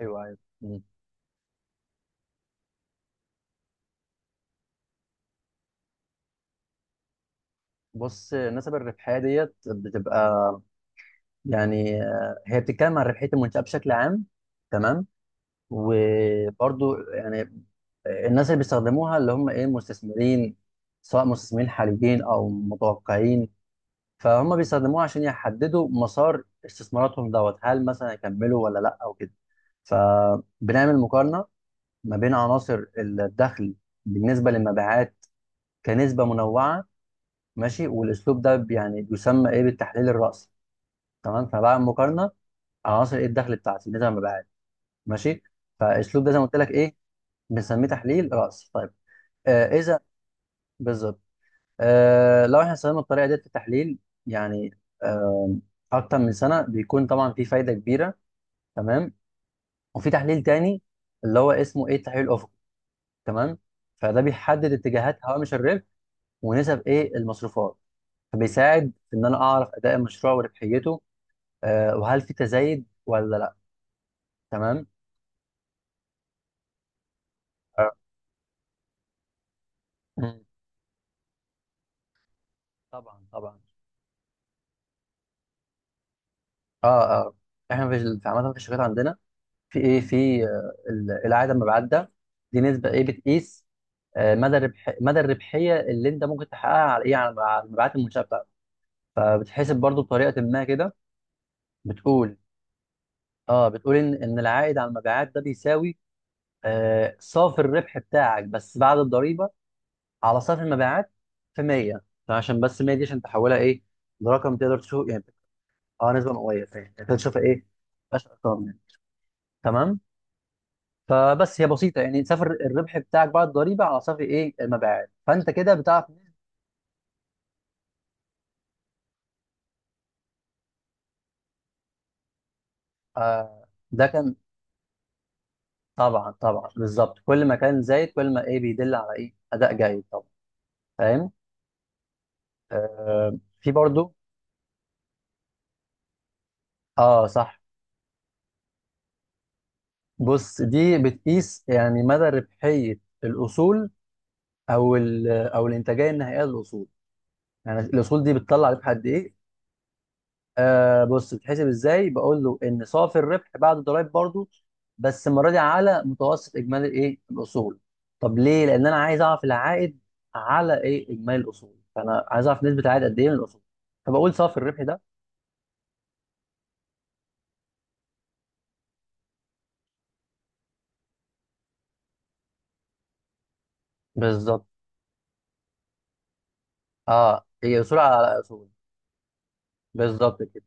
ايوه، ايوه، مم. بص، نسب الربحيه ديت بتبقى، يعني هي بتتكلم عن ربحيه المنشاه بشكل عام. تمام. وبرضو يعني، الناس اللي بيستخدموها اللي هم ايه مستثمرين، سواء مستثمرين حاليين او متوقعين. فهم بيستخدموها عشان يحددوا مسار استثماراتهم دوت، هل مثلا يكملوا ولا لا او كده. فبنعمل مقارنه ما بين عناصر الدخل بالنسبه للمبيعات كنسبه منوعه. ماشي. والاسلوب ده يعني بيسمى ايه بالتحليل الرأسي. تمام. فبعمل مقارنه على عناصر ايه الدخل بتاعتي نسبه ما بعد. ماشي. فالاسلوب ده زي ما قلت لك ايه، بنسميه تحليل رأسي. طيب. آه، اذا بالظبط. آه، لو احنا استخدمنا الطريقه ديت في التحليل، يعني اكتر من سنه بيكون طبعا في فايده كبيره. تمام. وفي تحليل تاني اللي هو اسمه ايه التحليل الافقي. تمام. فده بيحدد اتجاهات هوامش الربح ونسب ايه المصروفات، فبيساعد في ان انا اعرف اداء المشروع وربحيته، وهل في تزايد ولا لا. تمام. آه، مم. طبعا، طبعا. اه، اه. احنا في في عامه في الشركات عندنا، في ايه، في العائد المبعدة، دي نسبه ايه بتقيس؟ آه، مدى الربح، مدى الربحيه اللي انت ممكن تحققها على ايه، على على المبيعات المنشاه بتاعتك. فبتحسب برضو بطريقه ما كده، بتقول، اه، بتقول ان العائد على المبيعات ده بيساوي صافي الربح بتاعك بس بعد الضريبه، على صافي المبيعات، في 100. فعشان بس 100 دي عشان تحولها ايه لرقم تقدر تشوف يعني. اه، نسبه مئويه. فاهم، انت تشوفها ايه، مفيهاش ارقام يعني. تمام. فبس هي بسيطه، يعني صفر الربح بتاعك بعد الضريبه على صفر ايه المبيعات، فانت كده بتعرف. آه، ده كان. طبعا، طبعا، بالظبط. كل ما كان زايد كل ما ايه بيدل على ايه، اداء جيد طبعا. فاهم. آه، في برضو. اه، صح. بص، دي بتقيس يعني مدى ربحيه الاصول، او او الانتاجيه النهائيه للاصول، يعني الاصول دي بتطلع ربح قد ايه. آه، بص، بتحسب ازاي؟ بقول له ان صافي الربح بعد الضرايب برضو، بس المره دي على متوسط اجمالي ايه الاصول. طب ليه؟ لان انا عايز اعرف العائد على ايه اجمالي الاصول، فانا عايز اعرف نسبه العائد قد ايه من الاصول، فبقول صافي الربح ده بالظبط. اه، هي اصول على اصول. بالظبط كده.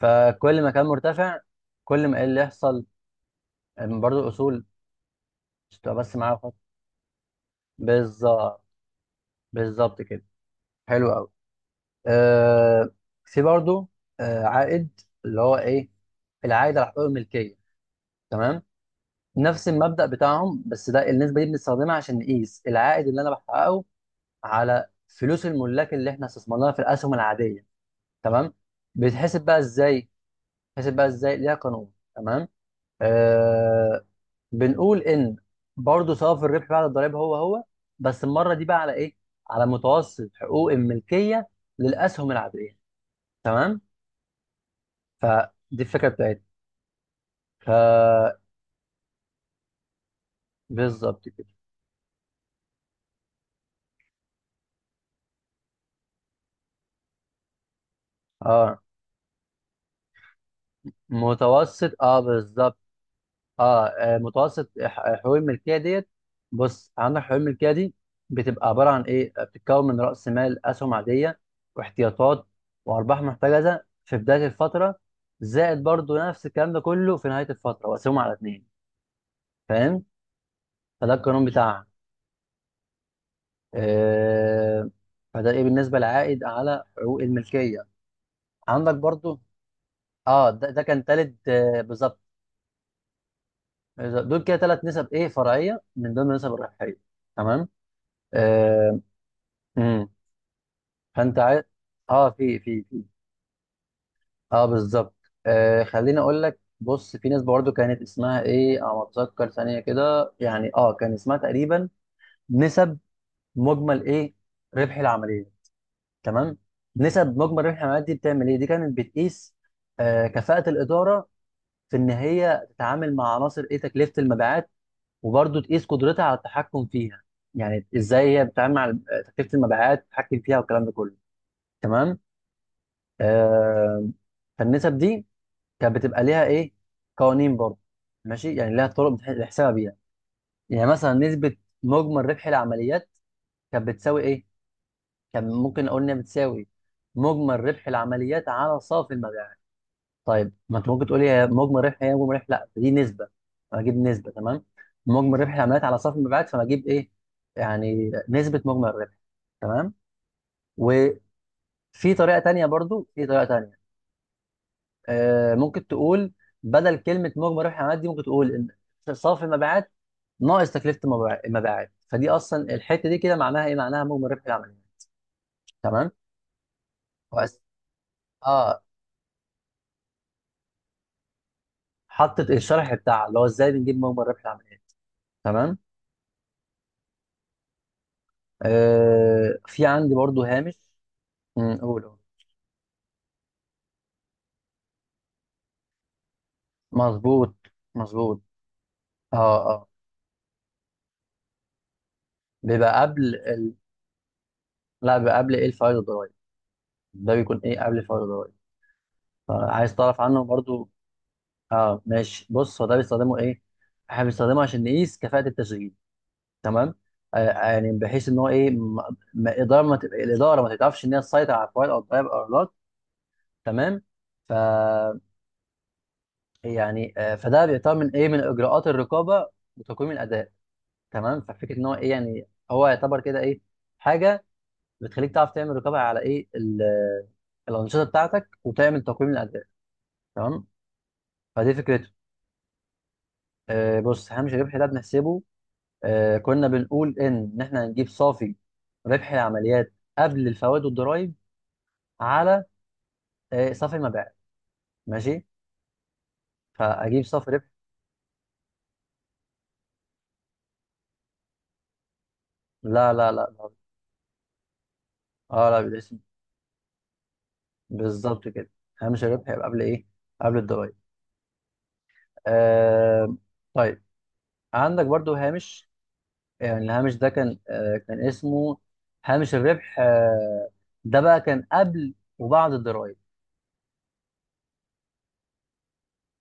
فكل ما كان مرتفع كل ما ايه اللي يحصل، إن برضو الاصول تبقى بس معايا خط. بالظبط، بالظبط كده. حلو قوي. آه، في برضو آه، عائد اللي هو ايه، العائد على حقوق الملكيه. تمام. نفس المبدا بتاعهم، بس ده النسبه دي بنستخدمها عشان نقيس العائد اللي انا بحققه على فلوس الملاك اللي احنا استثمرناها في الاسهم العاديه. تمام. بيتحسب بقى ازاي؟ بيتحسب بقى ازاي، ليها قانون. تمام. آه، بنقول ان برضو صافي الربح بعد الضرائب هو هو، بس المره دي بقى على ايه، على متوسط حقوق الملكيه للاسهم العاديه. تمام. ف دي الفكره بتاعتها. ك بالظبط كده. اه، متوسط. اه، بالظبط. اه، آه، متوسط حقوق الملكيه ديت. بص، عندك حقوق الملكيه دي بتبقى عباره عن ايه، بتتكون من راس مال اسهم عاديه واحتياطات وارباح محتجزه في بدايه الفتره، زائد برضو نفس الكلام ده كله في نهايه الفتره، وقسمهم على اتنين. فاهم. فده القانون بتاعها. آه، فده ايه بالنسبه للعائد على حقوق الملكيه. عندك برضو. اه، ده كان تالت، آه، بالظبط. دول كده ثلاث نسب ايه فرعيه من ضمن النسب الربحيه. تمام. آه. امم، فانت عايز. اه، في اه بالظبط. آه، خليني اقول لك، بص، في نسبه برضه كانت اسمها ايه، على ما اتذكر ثانيه كده، يعني اه، كان اسمها تقريبا نسب مجمل ايه ربح العمليه. تمام. نسب مجمل ربح العمليه دي بتعمل ايه؟ دي كانت بتقيس كفاءه الاداره في ان هي تتعامل مع عناصر ايه تكلفه المبيعات، وبرضه تقيس قدرتها على التحكم فيها، يعني ازاي هي بتتعامل مع تكلفه المبيعات، تتحكم فيها والكلام ده كله. تمام. آه، فالنسب دي كانت بتبقى ليها ايه قوانين برضه. ماشي، يعني ليها طرق بتحسبها بيها. يعني مثلا، نسبه مجمل ربح العمليات كانت بتساوي ايه، كان ممكن اقول انها بتساوي مجمل ربح العمليات على صافي المبيعات. طيب ما انت ممكن تقولي، هي مجمل ربح، هي مجمل ربح، لا دي نسبه، فاجيب نسبه. تمام. مجمل ربح العمليات على صافي المبيعات فبجيب ايه، يعني نسبه مجمل الربح. تمام. وفي طريقه تانية برضو في طريقه تانية. آه، ممكن تقول، بدل كلمه مجمل ربح العمليات دي، ممكن تقول ان صافي المبيعات ناقص تكلفه المبيعات، فدي اصلا الحته دي كده معناها ايه، معناها مجمل ربح العمليات. تمام. وأس- اه، حطت الشرح بتاعها اللي هو ازاي بنجيب مجمل ربح العمليات. تمام. آه، في عندي برضو هامش. امم، قول قول. مظبوط، مظبوط. اه، اه، بيبقى قبل لا، بيبقى قبل ايه الفايل الضرائب. ده بيكون ايه قبل الفايل الضرائب، فعايز تعرف عنه برضو. اه، ماشي. بص، هو ده بيستخدمه ايه، احنا بنستخدمه عشان نقيس كفاءة التشغيل. تمام. آه، يعني بحيث ان هو ايه، الاداره ما ت... الاداره ما تتعرفش ان هي تسيطر على الفايل او الضرائب او لا. تمام. ف يعني آه، فده بيعتبر من ايه، من اجراءات الرقابه وتقويم الاداء. تمام. ففكره ان هو ايه، يعني هو يعتبر كده ايه، حاجه بتخليك تعرف تعمل رقابه على ايه الانشطه بتاعتك وتعمل تقويم للاداء. تمام. فدي فكرته. آه، بص، هامش الربح ده بنحسبه، آه، كنا بنقول ان احنا هنجيب صافي ربح العمليات قبل الفوائد والضرائب على صافي المبيعات. ماشي. فاجيب صافي ربح. لا، لا، لا، لا. اه، لا، بالاسم. بالظبط كده. هامش الربح يبقى قبل ايه، قبل الضرائب. آه، طيب. عندك برضو هامش، يعني الهامش ده كان آه، كان اسمه هامش الربح، آه، ده بقى كان قبل وبعد الضرايب.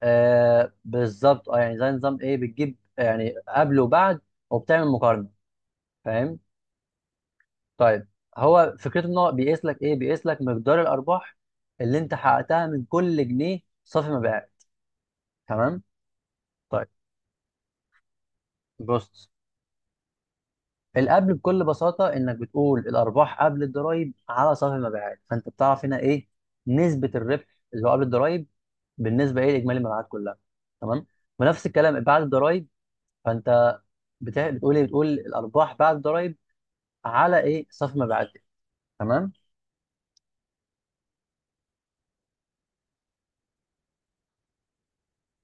آه، بالظبط. اه، يعني زي نظام ايه، بتجيب يعني قبل وبعد وبتعمل مقارنه. فاهم. طيب، هو فكرته ان هو بيقيس لك ايه، بيقيس لك مقدار الارباح اللي انت حققتها من كل جنيه صافي مبيعات. تمام. طيب، بص، القبل بكل بساطه انك بتقول الارباح قبل الضرايب على صافي المبيعات، فانت بتعرف هنا ايه نسبه الربح اللي هو قبل الضرايب بالنسبه ايه لاجمالي المبيعات كلها. تمام. ونفس الكلام بعد الضرايب، فانت بتقول ايه، بتقول الارباح بعد الضرايب على ايه صافي مبيعاتك. تمام.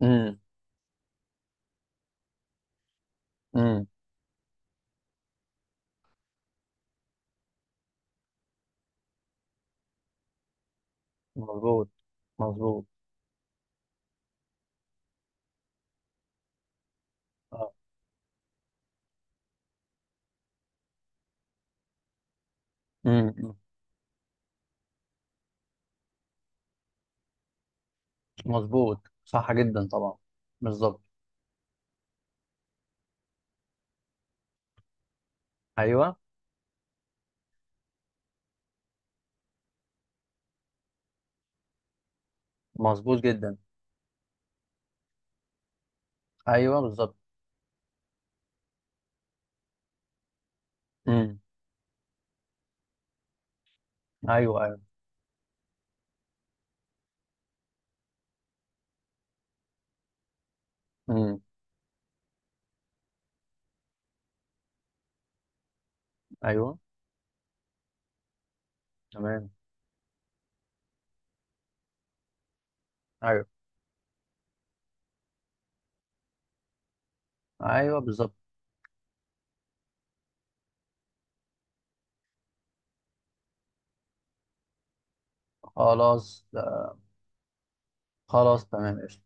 امم، امم. مظبوط، مظبوط. اه، امم. مظبوط، صح جدا طبعا، بالظبط. ايوه، مظبوط جدا. ايوه، بالظبط. امم. ايوه، ايوه. امم. ايوه، تمام. ايوه، ايوه، بالظبط. خلاص، خلاص، تمام.